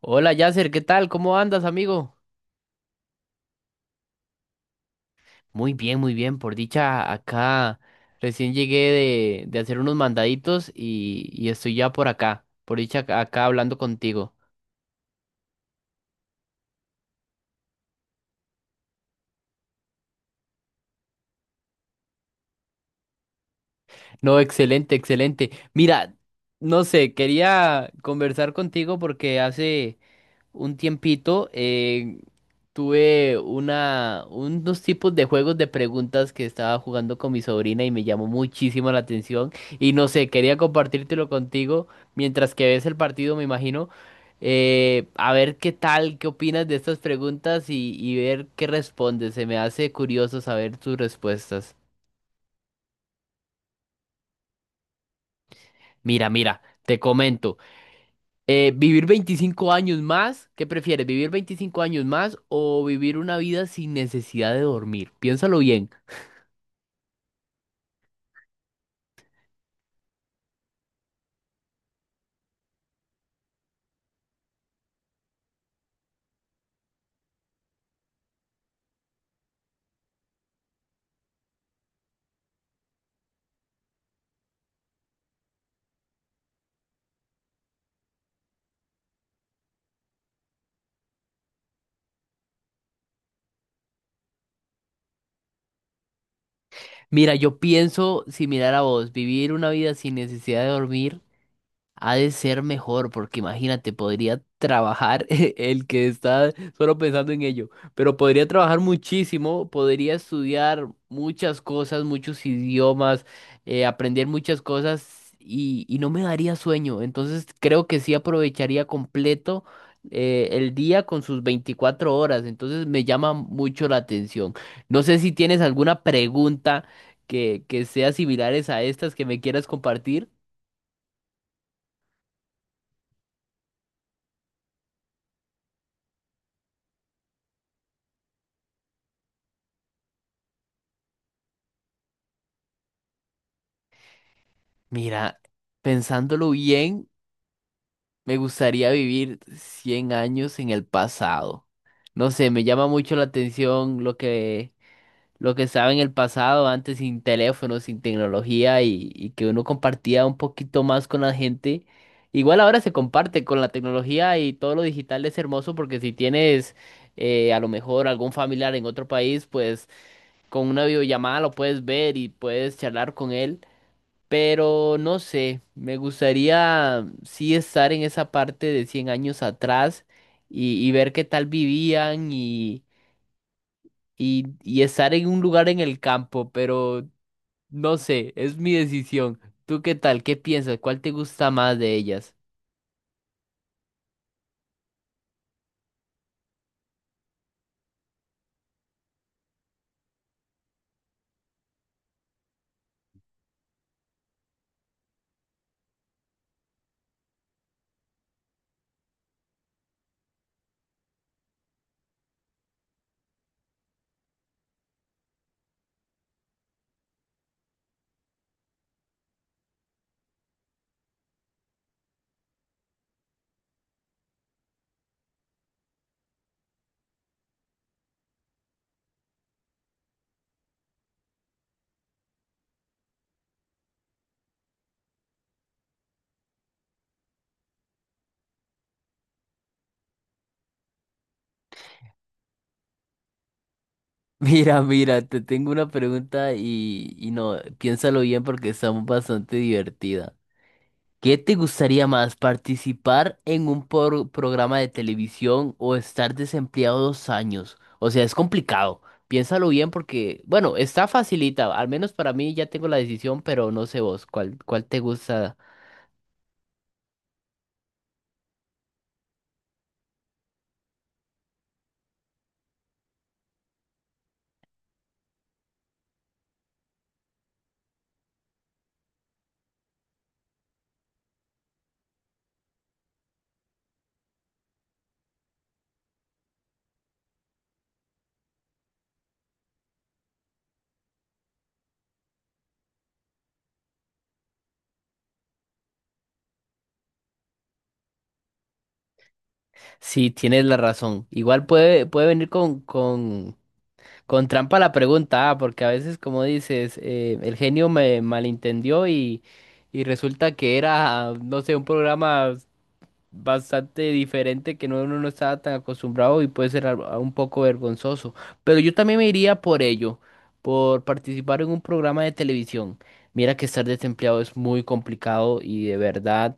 Hola Yasser, ¿qué tal? ¿Cómo andas, amigo? Muy bien, muy bien. Por dicha, acá recién llegué de hacer unos mandaditos y estoy ya por acá. Por dicha, acá hablando contigo. No, excelente, excelente. Mira, no sé, quería conversar contigo porque hace un tiempito tuve una, unos tipos de juegos de preguntas que estaba jugando con mi sobrina y me llamó muchísimo la atención. Y no sé, quería compartírtelo contigo mientras que ves el partido, me imagino. Eh, a ver qué tal, qué opinas de estas preguntas y ver qué respondes. Se me hace curioso saber tus respuestas. Mira, mira, te comento. ¿Vivir 25 años más? ¿Qué prefieres, vivir 25 años más o vivir una vida sin necesidad de dormir? Piénsalo bien. Mira, yo pienso similar a vos, vivir una vida sin necesidad de dormir ha de ser mejor, porque imagínate, podría trabajar el que está solo pensando en ello, pero podría trabajar muchísimo, podría estudiar muchas cosas, muchos idiomas, aprender muchas cosas y no me daría sueño. Entonces creo que sí aprovecharía completo el día con sus 24 horas. Entonces me llama mucho la atención. No sé si tienes alguna pregunta que sea similares a estas que me quieras compartir. Mira, pensándolo bien, me gustaría vivir 100 años en el pasado. No sé, me llama mucho la atención lo lo que estaba en el pasado, antes sin teléfono, sin tecnología y que uno compartía un poquito más con la gente. Igual ahora se comparte con la tecnología y todo lo digital es hermoso porque si tienes a lo mejor algún familiar en otro país, pues con una videollamada lo puedes ver y puedes charlar con él. Pero no sé, me gustaría sí estar en esa parte de 100 años atrás y ver qué tal vivían y estar en un lugar en el campo, pero no sé, es mi decisión. ¿Tú qué tal? ¿Qué piensas? ¿Cuál te gusta más de ellas? Mira, mira, te tengo una pregunta y no, piénsalo bien porque está bastante divertida. ¿Qué te gustaría más, participar en un programa de televisión o estar desempleado 2 años? O sea, es complicado. Piénsalo bien porque, bueno, está facilita. Al menos para mí ya tengo la decisión, pero no sé vos cuál, cuál te gusta. Sí, tienes la razón. Igual puede, puede venir con trampa la pregunta, ah, porque a veces, como dices, el genio me malentendió y resulta que era, no sé, un programa bastante diferente que no, uno no estaba tan acostumbrado y puede ser un poco vergonzoso. Pero yo también me iría por ello, por participar en un programa de televisión. Mira que estar desempleado es muy complicado y de verdad.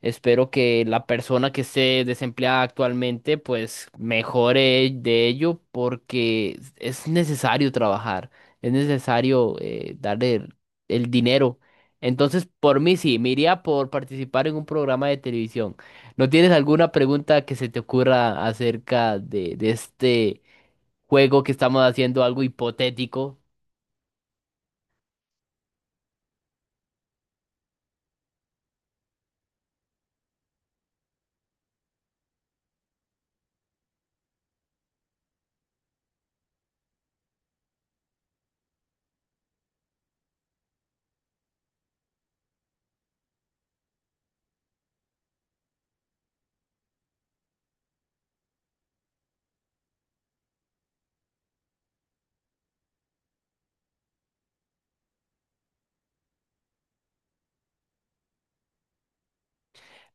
Espero que la persona que esté desempleada actualmente pues mejore de ello porque es necesario trabajar, es necesario darle el dinero. Entonces, por mí sí, me iría por participar en un programa de televisión. ¿No tienes alguna pregunta que se te ocurra acerca de este juego que estamos haciendo, algo hipotético?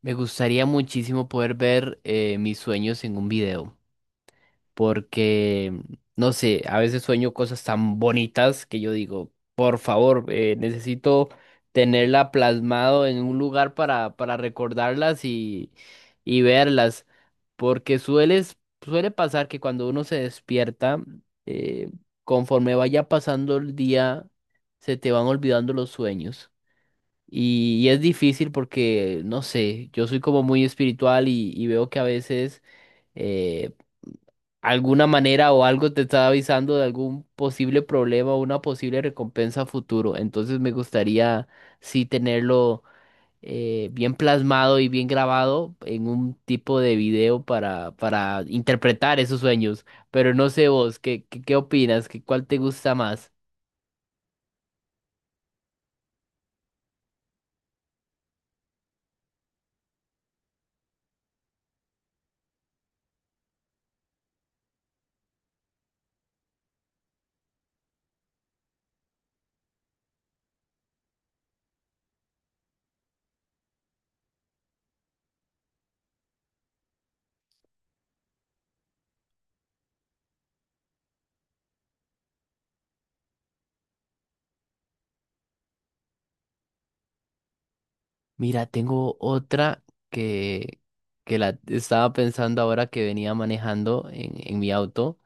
Me gustaría muchísimo poder ver mis sueños en un video. Porque, no sé, a veces sueño cosas tan bonitas que yo digo, por favor, necesito tenerla plasmado en un lugar para recordarlas y verlas, porque suele pasar que cuando uno se despierta, eh, conforme vaya pasando el día, se te van olvidando los sueños. Y es difícil porque, no sé, yo soy como muy espiritual y veo que a veces... eh, alguna manera o algo te está avisando de algún posible problema o una posible recompensa a futuro. Entonces me gustaría sí tenerlo bien plasmado y bien grabado en un tipo de video para interpretar esos sueños. Pero no sé vos, ¿ qué opinas? ¿Qué, cuál te gusta más? Mira, tengo otra que, que la estaba pensando ahora que venía manejando en mi auto.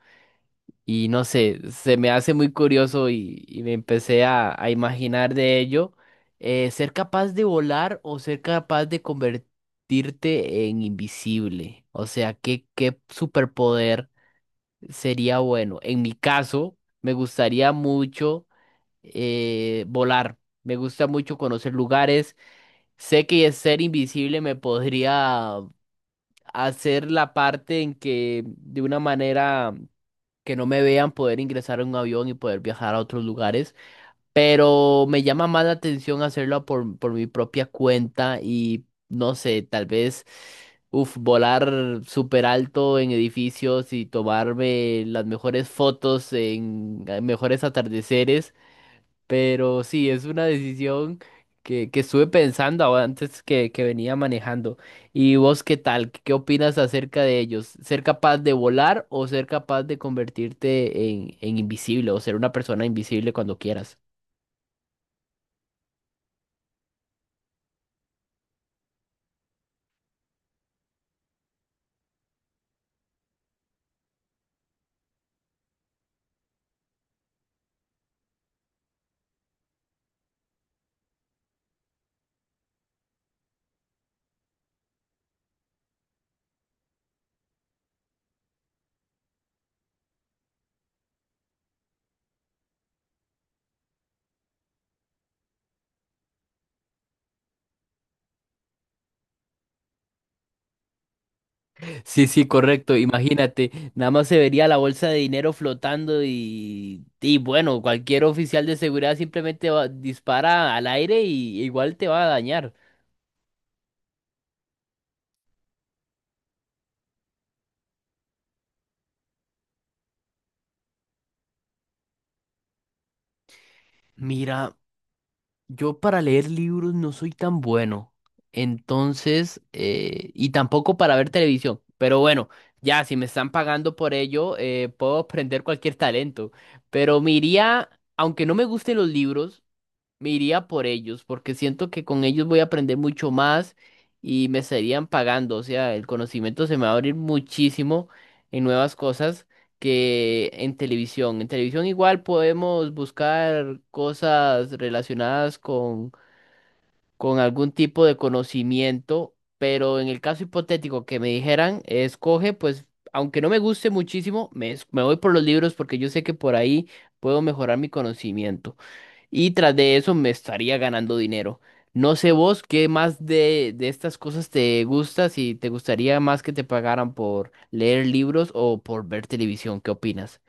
Y no sé, se me hace muy curioso y me empecé a imaginar de ello, ser capaz de volar o ser capaz de convertirte en invisible. O sea, ¿ qué superpoder sería bueno? En mi caso, me gustaría mucho volar. Me gusta mucho conocer lugares. Sé que ser invisible me podría hacer la parte en que de una manera que no me vean poder ingresar a un avión y poder viajar a otros lugares, pero me llama más la atención hacerlo por mi propia cuenta y no sé, tal vez, uf, volar súper alto en edificios y tomarme las mejores fotos en mejores atardeceres. Pero sí, es una decisión que estuve pensando ahora antes que venía manejando. ¿Y vos qué tal? ¿Qué opinas acerca de ellos? ¿Ser capaz de volar o ser capaz de convertirte en invisible o ser una persona invisible cuando quieras? Sí, sí, correcto. Imagínate, nada más se vería la bolsa de dinero flotando y bueno, cualquier oficial de seguridad simplemente dispara al aire y igual te va a dañar. Mira. Yo para leer libros no soy tan bueno. Entonces, y tampoco para ver televisión. Pero bueno, ya, si me están pagando por ello, puedo aprender cualquier talento. Pero me iría, aunque no me gusten los libros. Me iría por ellos, porque siento que con ellos voy a aprender mucho más y me estarían pagando. O sea, el conocimiento se me va a abrir muchísimo en nuevas cosas que en televisión. En televisión igual podemos buscar cosas relacionadas con algún tipo de conocimiento, pero en el caso hipotético que me dijeran, escoge, pues aunque no me guste muchísimo, me voy por los libros porque yo sé que por ahí puedo mejorar mi conocimiento y tras de eso me estaría ganando dinero. No sé vos qué más de estas cosas te gusta, si te gustaría más que te pagaran por leer libros o por ver televisión, ¿qué opinas?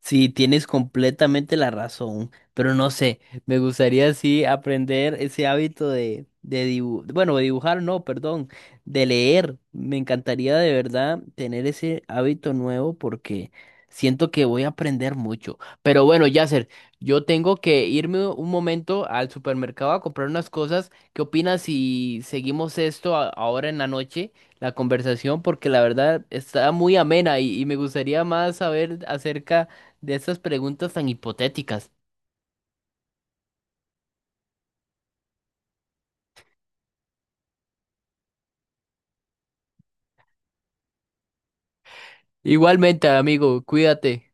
Sí, tienes completamente la razón, pero no sé, me gustaría sí aprender ese hábito de dibujar, bueno, de dibujar no, perdón, de leer. Me encantaría de verdad tener ese hábito nuevo porque siento que voy a aprender mucho. Pero bueno, Yasser, yo tengo que irme un momento al supermercado a comprar unas cosas. ¿Qué opinas si seguimos esto ahora en la noche? La conversación porque la verdad está muy amena y me gustaría más saber acerca de esas preguntas tan hipotéticas. Igualmente, amigo, cuídate.